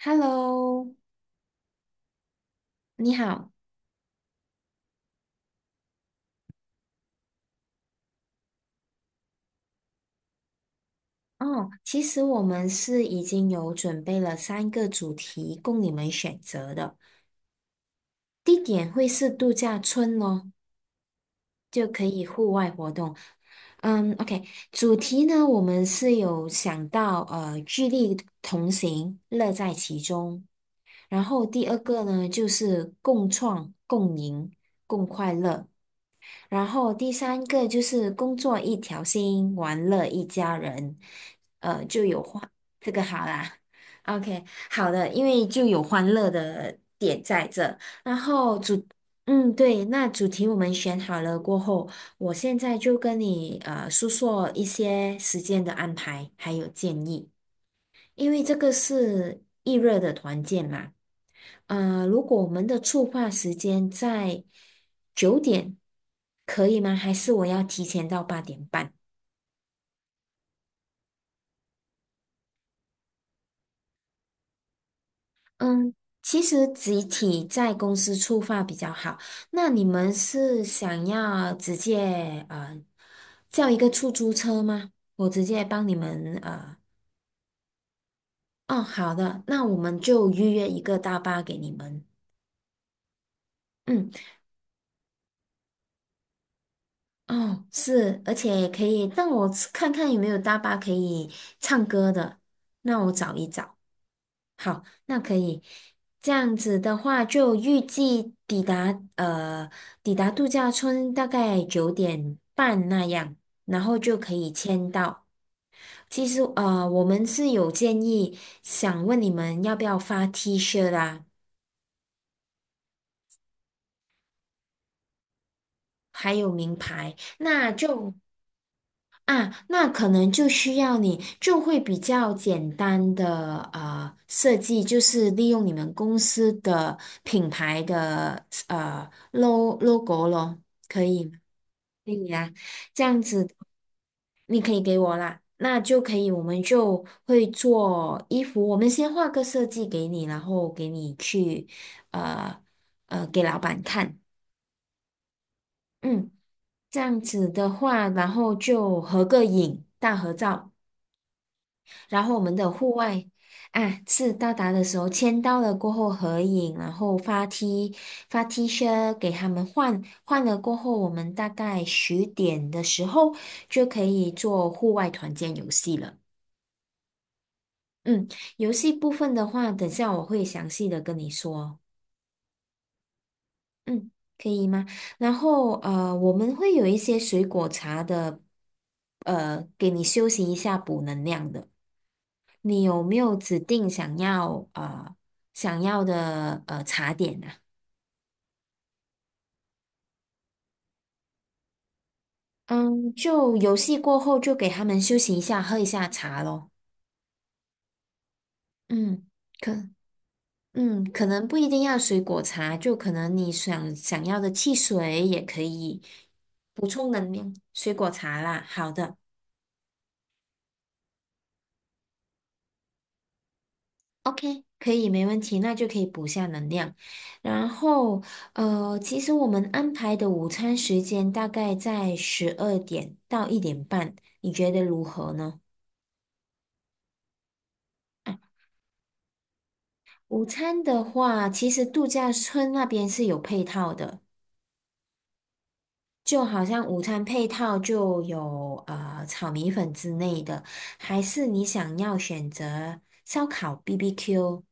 Hello，你好。哦，其实我们是已经有准备了三个主题供你们选择的，地点会是度假村哦，就可以户外活动。嗯，OK，主题呢，我们是有想到聚力同行，乐在其中。然后第二个呢，就是共创、共赢、共快乐。然后第三个就是工作一条心，玩乐一家人。这个好啦，OK，好的，因为就有欢乐的点在这，然后主，嗯，对，那主题我们选好了过后，我现在就跟你诉说一些时间的安排还有建议，因为这个是易热的团建嘛，如果我们的触发时间在九点，可以吗？还是我要提前到八点半？嗯，其实集体在公司出发比较好。那你们是想要直接叫一个出租车吗？我直接帮你们哦，好的，那我们就预约一个大巴给你们。嗯，哦，是，而且也可以让我看看有没有大巴可以唱歌的，那我找一找。好，那可以。这样子的话，就预计抵达度假村大概九点半那样，然后就可以签到。其实我们是有建议，想问你们要不要发 T 恤啦，还有名牌，那就啊，那可能就需要你就会比较简单的设计，就是利用你们公司的品牌的logo 咯，可以吗？可以啊，这样子你可以给我啦，那就可以，我们就会做衣服，我们先画个设计给你，然后给你去呃给老板看，嗯，这样子的话，然后就合个影，大合照。然后我们的户外啊，是到达的时候签到了过后合影，然后发 T 恤给他们换，换了过后，我们大概十点的时候就可以做户外团建游戏了。嗯，游戏部分的话，等下我会详细的跟你说。嗯，可以吗？然后我们会有一些水果茶的，给你休息一下补能量的。你有没有指定想要的茶点啊？嗯，就游戏过后就给他们休息一下，喝一下茶咯。嗯，可嗯，可能不一定要水果茶，就可能你想要的汽水也可以补充能量，水果茶啦。好的。OK，可以，没问题，那就可以补下能量。然后，其实我们安排的午餐时间大概在十二点到一点半，你觉得如何呢？午餐的话，其实度假村那边是有配套的，就好像午餐配套就有炒米粉之类的，还是你想要选择烧烤 BBQ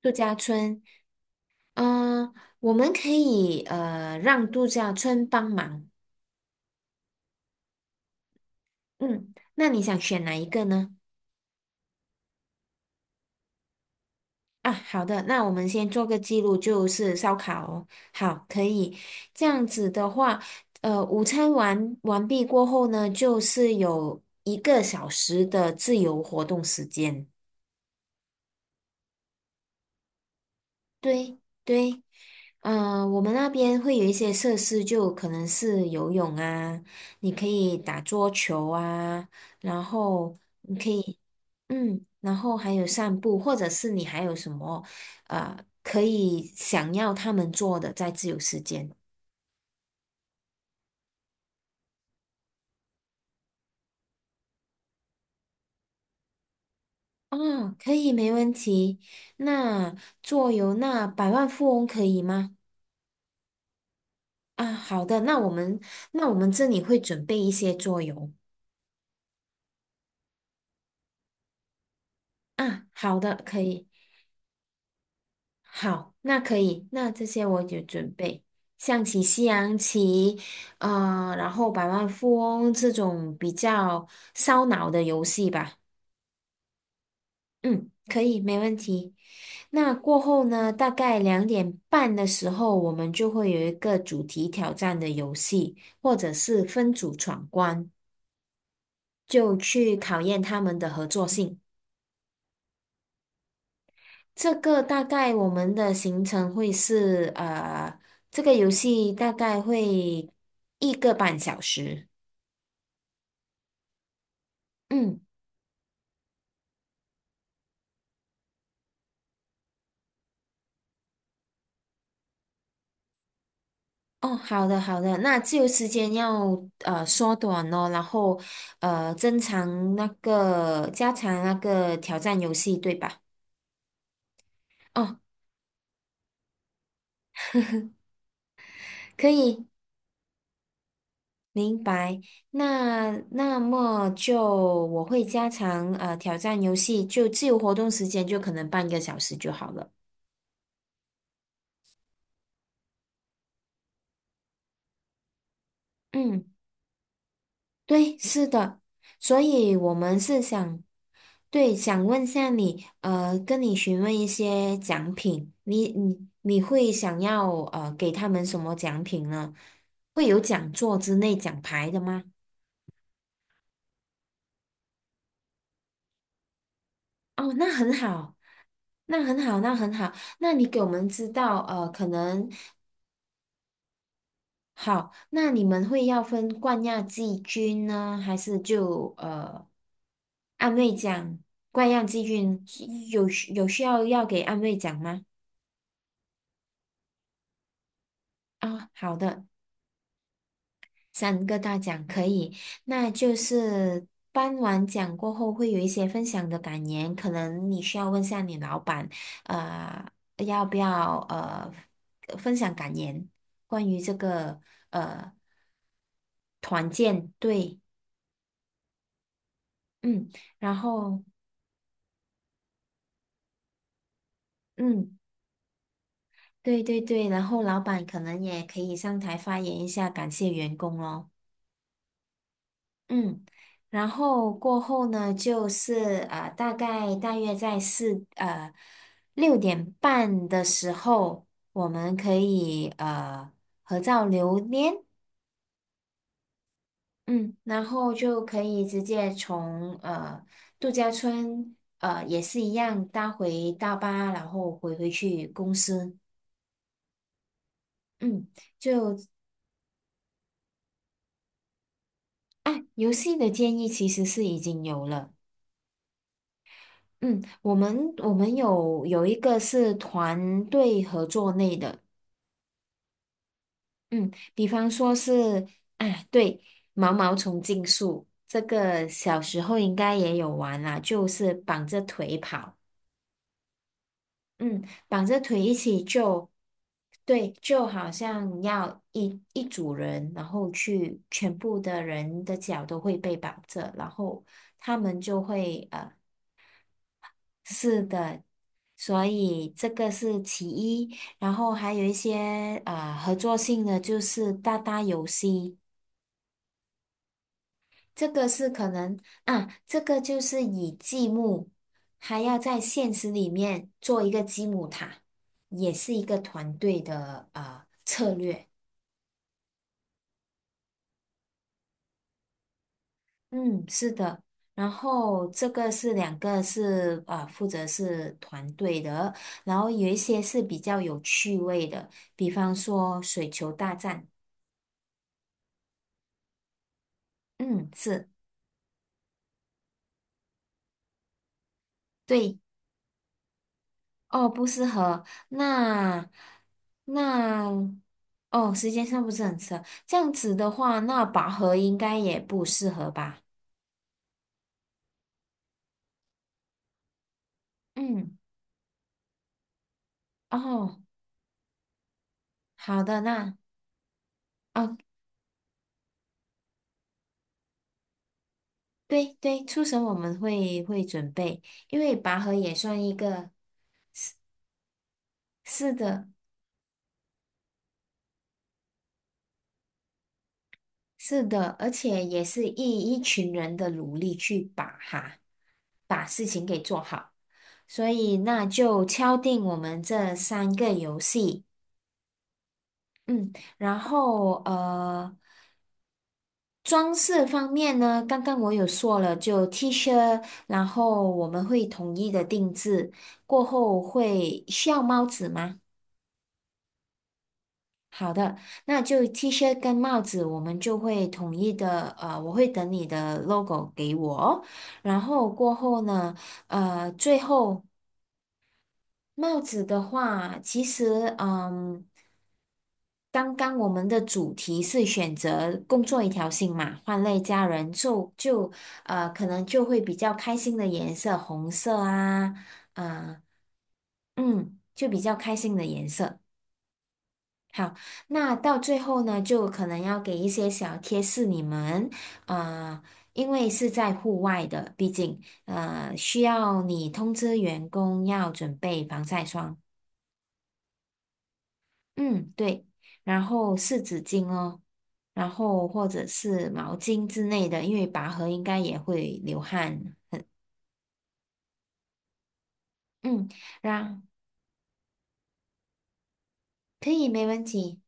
度假村？嗯、我们可以让度假村帮忙。嗯，那你想选哪一个呢？啊，好的，那我们先做个记录，就是烧烤哦。好，可以。这样子的话，午餐完毕过后呢，就是有一个小时的自由活动时间。对对，我们那边会有一些设施，就可能是游泳啊，你可以打桌球啊，然后。你可以。嗯，然后还有散步，或者是你还有什么呃可以想要他们做的在自由时间？哦，可以，没问题。那桌游，那百万富翁可以吗？啊，好的，那我们这里会准备一些桌游啊，好的，可以，好，那可以，那这些我有准备，象棋、西洋棋，啊，然后百万富翁这种比较烧脑的游戏吧。嗯，可以，没问题。那过后呢，大概两点半的时候，我们就会有一个主题挑战的游戏，或者是分组闯关，就去考验他们的合作性。这个大概我们的行程会是，这个游戏大概会一个半小时。嗯。哦，好的好的，那自由时间要缩短哦，然后增长那个加强那个挑战游戏，对吧？哦，可以，明白。那么就我会加强挑战游戏，就自由活动时间就可能半个小时就好了。嗯。对，是的，所以我们是想，对，想问下你，跟你询问一些奖品，你会想要给他们什么奖品呢？会有讲座之类奖牌的吗？哦，那很好，那很好，那很好，那你给我们知道，可能。好，那你们会要分冠亚季军呢，还是就安慰奖？冠亚季军是有需要要给安慰奖吗？啊、好的，三个大奖可以。那就是颁完奖过后会有一些分享的感言，可能你需要问下你老板，呃，要不要分享感言，关于这个呃团建，对，嗯。然后嗯，对对对，然后老板可能也可以上台发言一下，感谢员工咯。嗯，然后过后呢，就是大概大约在六点半的时候，我们可以合照留念，嗯，然后就可以直接从度假村也是一样搭回大巴，然后回去公司，嗯。就啊，游戏的建议其实是已经有了。嗯，我们有一个是团队合作类的，嗯，比方说是，啊，对，毛毛虫竞速，这个小时候应该也有玩啦，就是绑着腿跑，嗯，绑着腿一起就，对，就好像要一组人，然后去全部的人的脚都会被绑着，然后。他们就会是的，所以这个是其一，然后还有一些合作性的就是搭搭游戏，这个是可能啊，这个就是以积木，还要在现实里面做一个积木塔，也是一个团队的啊、是的，然后这个是两个是啊、负责是团队的，然后有一些是比较有趣味的，比方说水球大战，嗯，是。对，哦，不适合。那那哦，时间上不是很适合。这样子的话，那拔河应该也不适合吧？嗯，哦，好的，那哦，对对，初审我们会准备，因为拔河也算一个，是的，是的，而且也是一群人的努力去把哈，把事情给做好。所以那就敲定我们这三个游戏。嗯，然后装饰方面呢，刚刚我有说了，就 T 恤，然后我们会统一的定制，过后会需要帽子吗？好的，那就 T 恤跟帽子，我们就会统一的，我会等你的 logo 给我，然后过后呢，最后帽子的话，其实嗯。刚刚我们的主题是选择工作一条心嘛，换类家人就可能就会比较开心的颜色，红色啊，啊、嗯，就比较开心的颜色。好，那到最后呢，就可能要给一些小贴士你们，啊、因为是在户外的，毕竟需要你通知员工要准备防晒霜。嗯，对，然后湿纸巾哦，然后或者是毛巾之类的，因为拔河应该也会流汗。嗯，然可以没问题。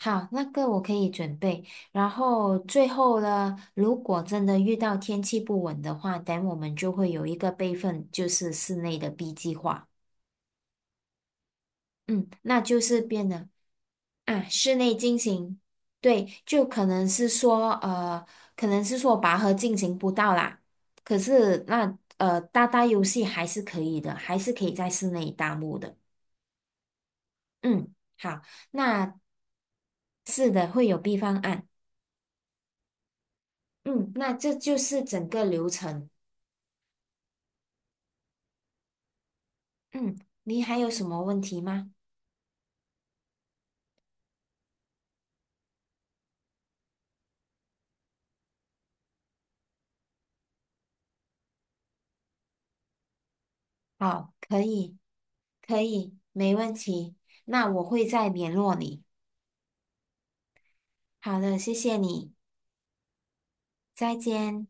好，那个我可以准备。然后最后呢，如果真的遇到天气不稳的话，等我们就会有一个备份，就是室内的 B 计划。嗯，那就是啊，室内进行，对，就可能是说可能是说拔河进行不到啦，可是那搭搭游戏还是可以的，还是可以在室内搭幕的。嗯，好，那是的，会有 B 方案。嗯，那这就是整个流程。嗯，你还有什么问题吗？好，可以，可以，没问题。那我会再联络你。好的，谢谢你，再见。